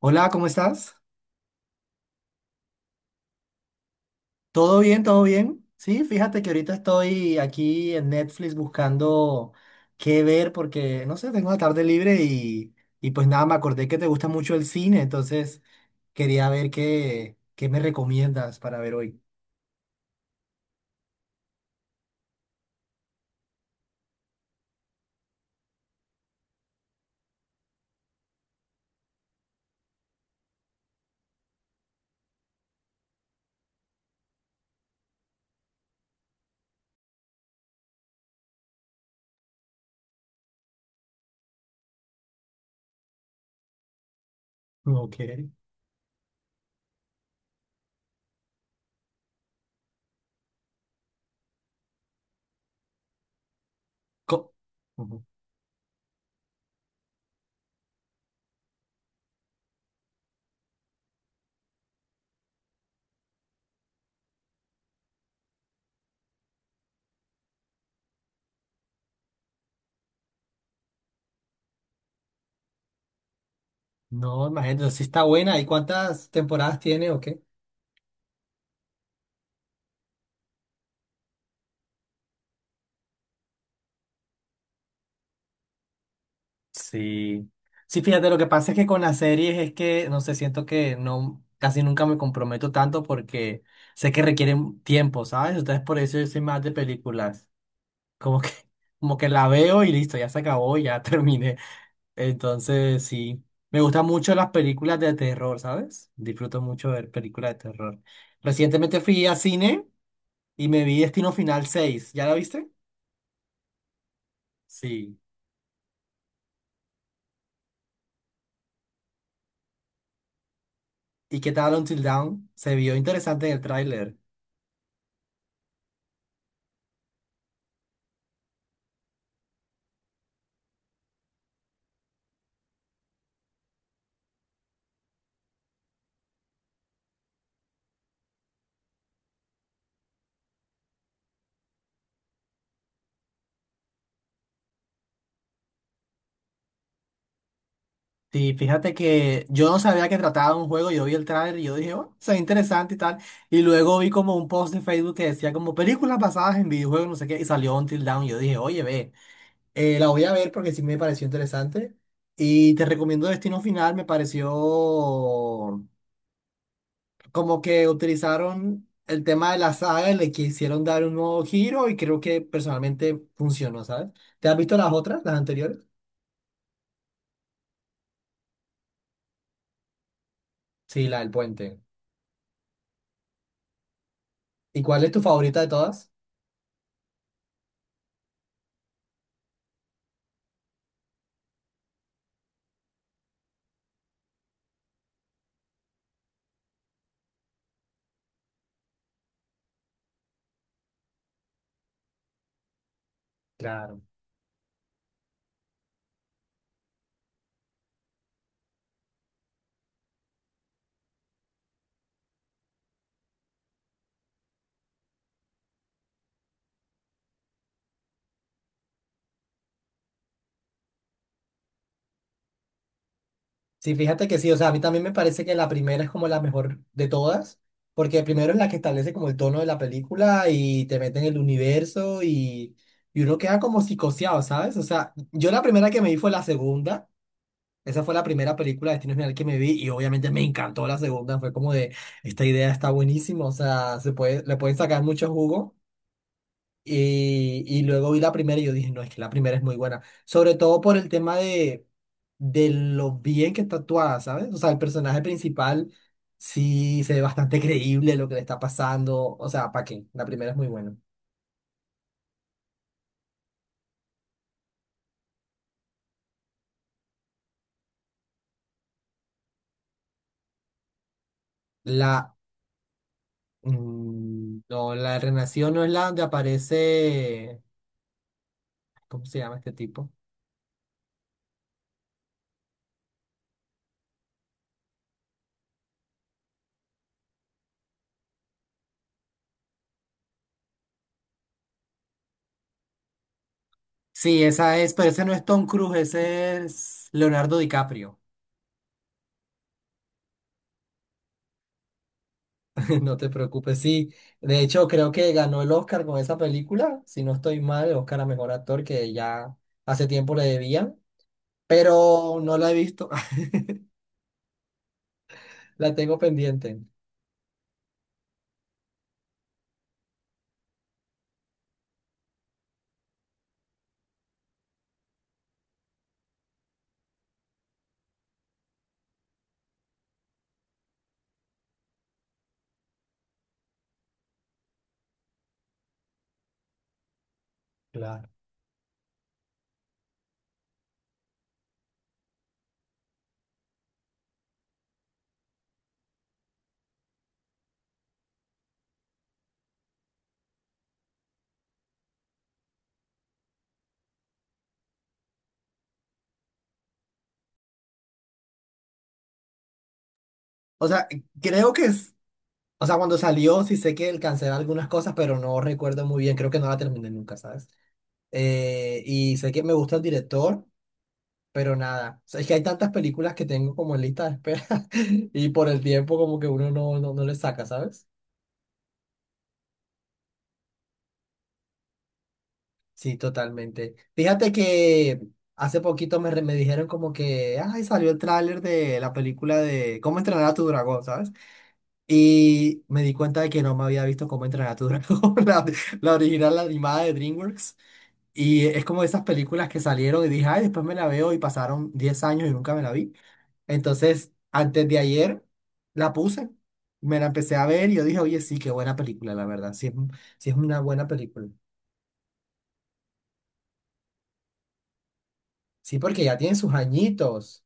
Hola, ¿cómo estás? ¿Todo bien? ¿Todo bien? Sí, fíjate que ahorita estoy aquí en Netflix buscando qué ver porque, no sé, tengo la tarde libre y pues nada, me acordé que te gusta mucho el cine, entonces quería ver qué me recomiendas para ver hoy. Ok. Co- Ujú. No, imagínate, sí está buena. ¿Y cuántas temporadas tiene o qué? Sí. Sí, fíjate, lo que pasa es que con las series es que, no sé, siento que no, casi nunca me comprometo tanto porque sé que requieren tiempo, ¿sabes? Entonces por eso yo soy más de películas. Como que, como que la veo y listo, ya se acabó, ya terminé. Entonces, sí. Me gustan mucho las películas de terror, ¿sabes? Disfruto mucho ver películas de terror. Recientemente fui a cine y me vi Destino Final 6. ¿Ya la viste? Sí. ¿Y qué tal Until Dawn? Se vio interesante en el tráiler. Sí, fíjate que yo no sabía que trataba de un juego, yo vi el tráiler y yo dije, oh, se ve interesante y tal, y luego vi como un post de Facebook que decía como películas basadas en videojuegos, no sé qué, y salió Until Dawn, y yo dije, oye, ve, la voy a ver porque sí me pareció interesante, y te recomiendo Destino Final, me pareció como que utilizaron el tema de la saga y le quisieron dar un nuevo giro, y creo que personalmente funcionó, ¿sabes? ¿Te has visto las otras, las anteriores? Sí, la del puente. ¿Y cuál es tu favorita de todas? Claro. Sí, fíjate que sí, o sea, a mí también me parece que la primera es como la mejor de todas, porque primero es la que establece como el tono de la película y te mete en el universo y uno queda como psicoseado, ¿sabes? O sea, yo la primera que me vi fue la segunda, esa fue la primera película de Destino Final que me vi y obviamente me encantó la segunda, fue como de, esta idea está buenísima, o sea, se puede, le pueden sacar mucho jugo. Y luego vi la primera y yo dije, no, es que la primera es muy buena. Sobre todo por el tema de lo bien que está actuada, ¿sabes? O sea, el personaje principal sí se ve bastante creíble lo que le está pasando. O sea, ¿para qué? La primera es muy buena. La... no, la de Renación no es la donde aparece... ¿Cómo se llama este tipo? Sí, esa es, pero ese no es Tom Cruise, ese es Leonardo DiCaprio. No te preocupes, sí. De hecho, creo que ganó el Oscar con esa película. Si no estoy mal, el Oscar a mejor actor que ya hace tiempo le debían, pero no la he visto. La tengo pendiente. Claro. O sea, creo que es. O sea, cuando salió, sí sé que cancelé algunas cosas, pero no recuerdo muy bien. Creo que no la terminé nunca, ¿sabes? Y sé que me gusta el director, pero nada. O sea, es que hay tantas películas que tengo como en lista de espera y por el tiempo, como que uno no le saca, ¿sabes? Sí, totalmente. Fíjate que hace poquito me, re- me dijeron como que, ay, salió el tráiler de la película de Cómo entrenar a tu dragón, ¿sabes? Y me di cuenta de que no me había visto Cómo entrenar a tu dragón, la original, la animada de DreamWorks. Y es como esas películas que salieron y dije, ay, después me la veo y pasaron 10 años y nunca me la vi. Entonces, antes de ayer, la puse, me la empecé a ver y yo dije, oye, sí, qué buena película, la verdad, sí, es un- sí es una buena película. Sí, porque ya tiene sus añitos.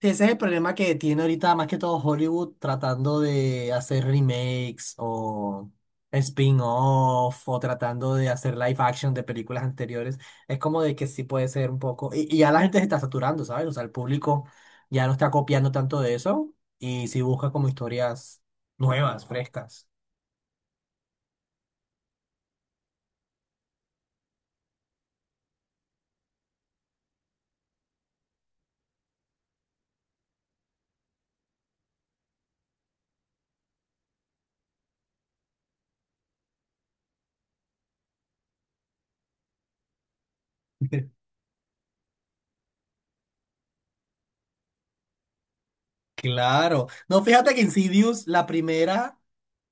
Sí, ese es el problema que tiene ahorita más que todo Hollywood tratando de hacer remakes o spin-off o tratando de hacer live action de películas anteriores. Es como de que sí puede ser un poco... Y ya la gente se está saturando, ¿sabes? O sea, el público ya no está copiando tanto de eso y sí busca como historias nuevas, frescas. Claro. No, fíjate que Insidious, la primera...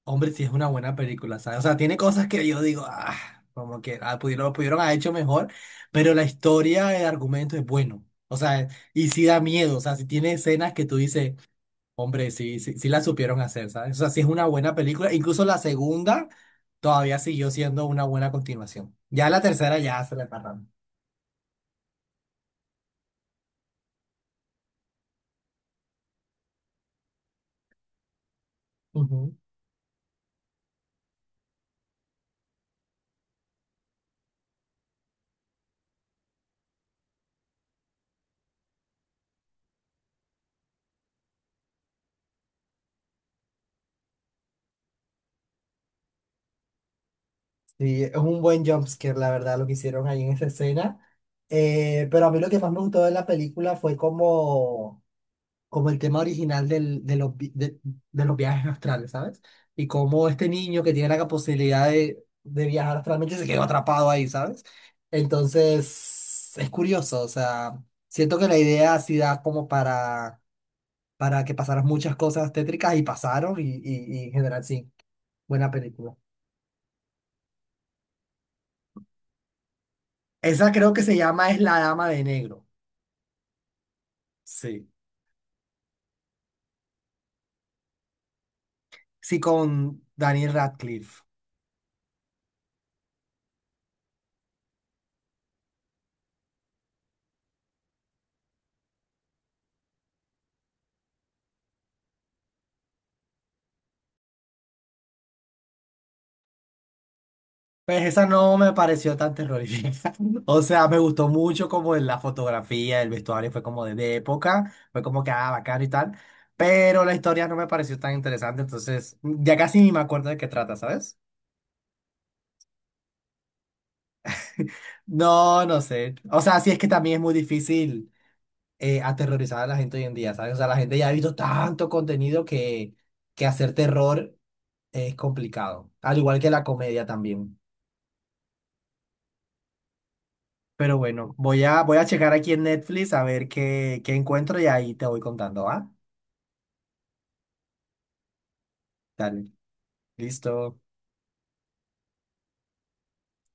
Hombre, sí es una buena película, ¿sabes? O sea, tiene cosas que yo digo, ah, como que ah, pudieron, lo pudieron haber hecho mejor, pero la historia, el argumento es bueno. O sea, y sí da miedo, o sea, si tiene escenas que tú dices, hombre, sí la supieron hacer, ¿sabes? O sea, sí es una buena película. Incluso la segunda todavía siguió siendo una buena continuación. Ya la tercera ya se le paran. Ujú. Sí, es un buen jumpscare, la verdad, lo que hicieron ahí en esa escena. Pero a mí lo que más me gustó de la película fue como... como el tema original del- de, los, vi- de los viajes astrales, ¿sabes? Y como este niño que tiene la posibilidad de viajar astralmente se quedó atrapado ahí, ¿sabes? Entonces, es curioso, o sea, siento que la idea sí da como para que pasaran muchas cosas tétricas y pasaron y en general sí, buena película. Esa creo que se llama Es la Dama de Negro. Sí. Sí, con Daniel Radcliffe. Pues esa no me pareció tan terrorífica. O sea, me gustó mucho como en la fotografía, el vestuario fue como de época, fue como que ah, bacano y tal, pero la historia no me pareció tan interesante, entonces ya casi ni me acuerdo de qué trata, ¿sabes? No, no sé. O sea, sí es que también es muy difícil aterrorizar a la gente hoy en día, ¿sabes? O sea, la gente ya ha visto tanto contenido que hacer terror es complicado, al igual que la comedia también. Pero bueno, voy a checar aquí en Netflix a ver qué encuentro y ahí te voy contando, ¿va? Dale, listo.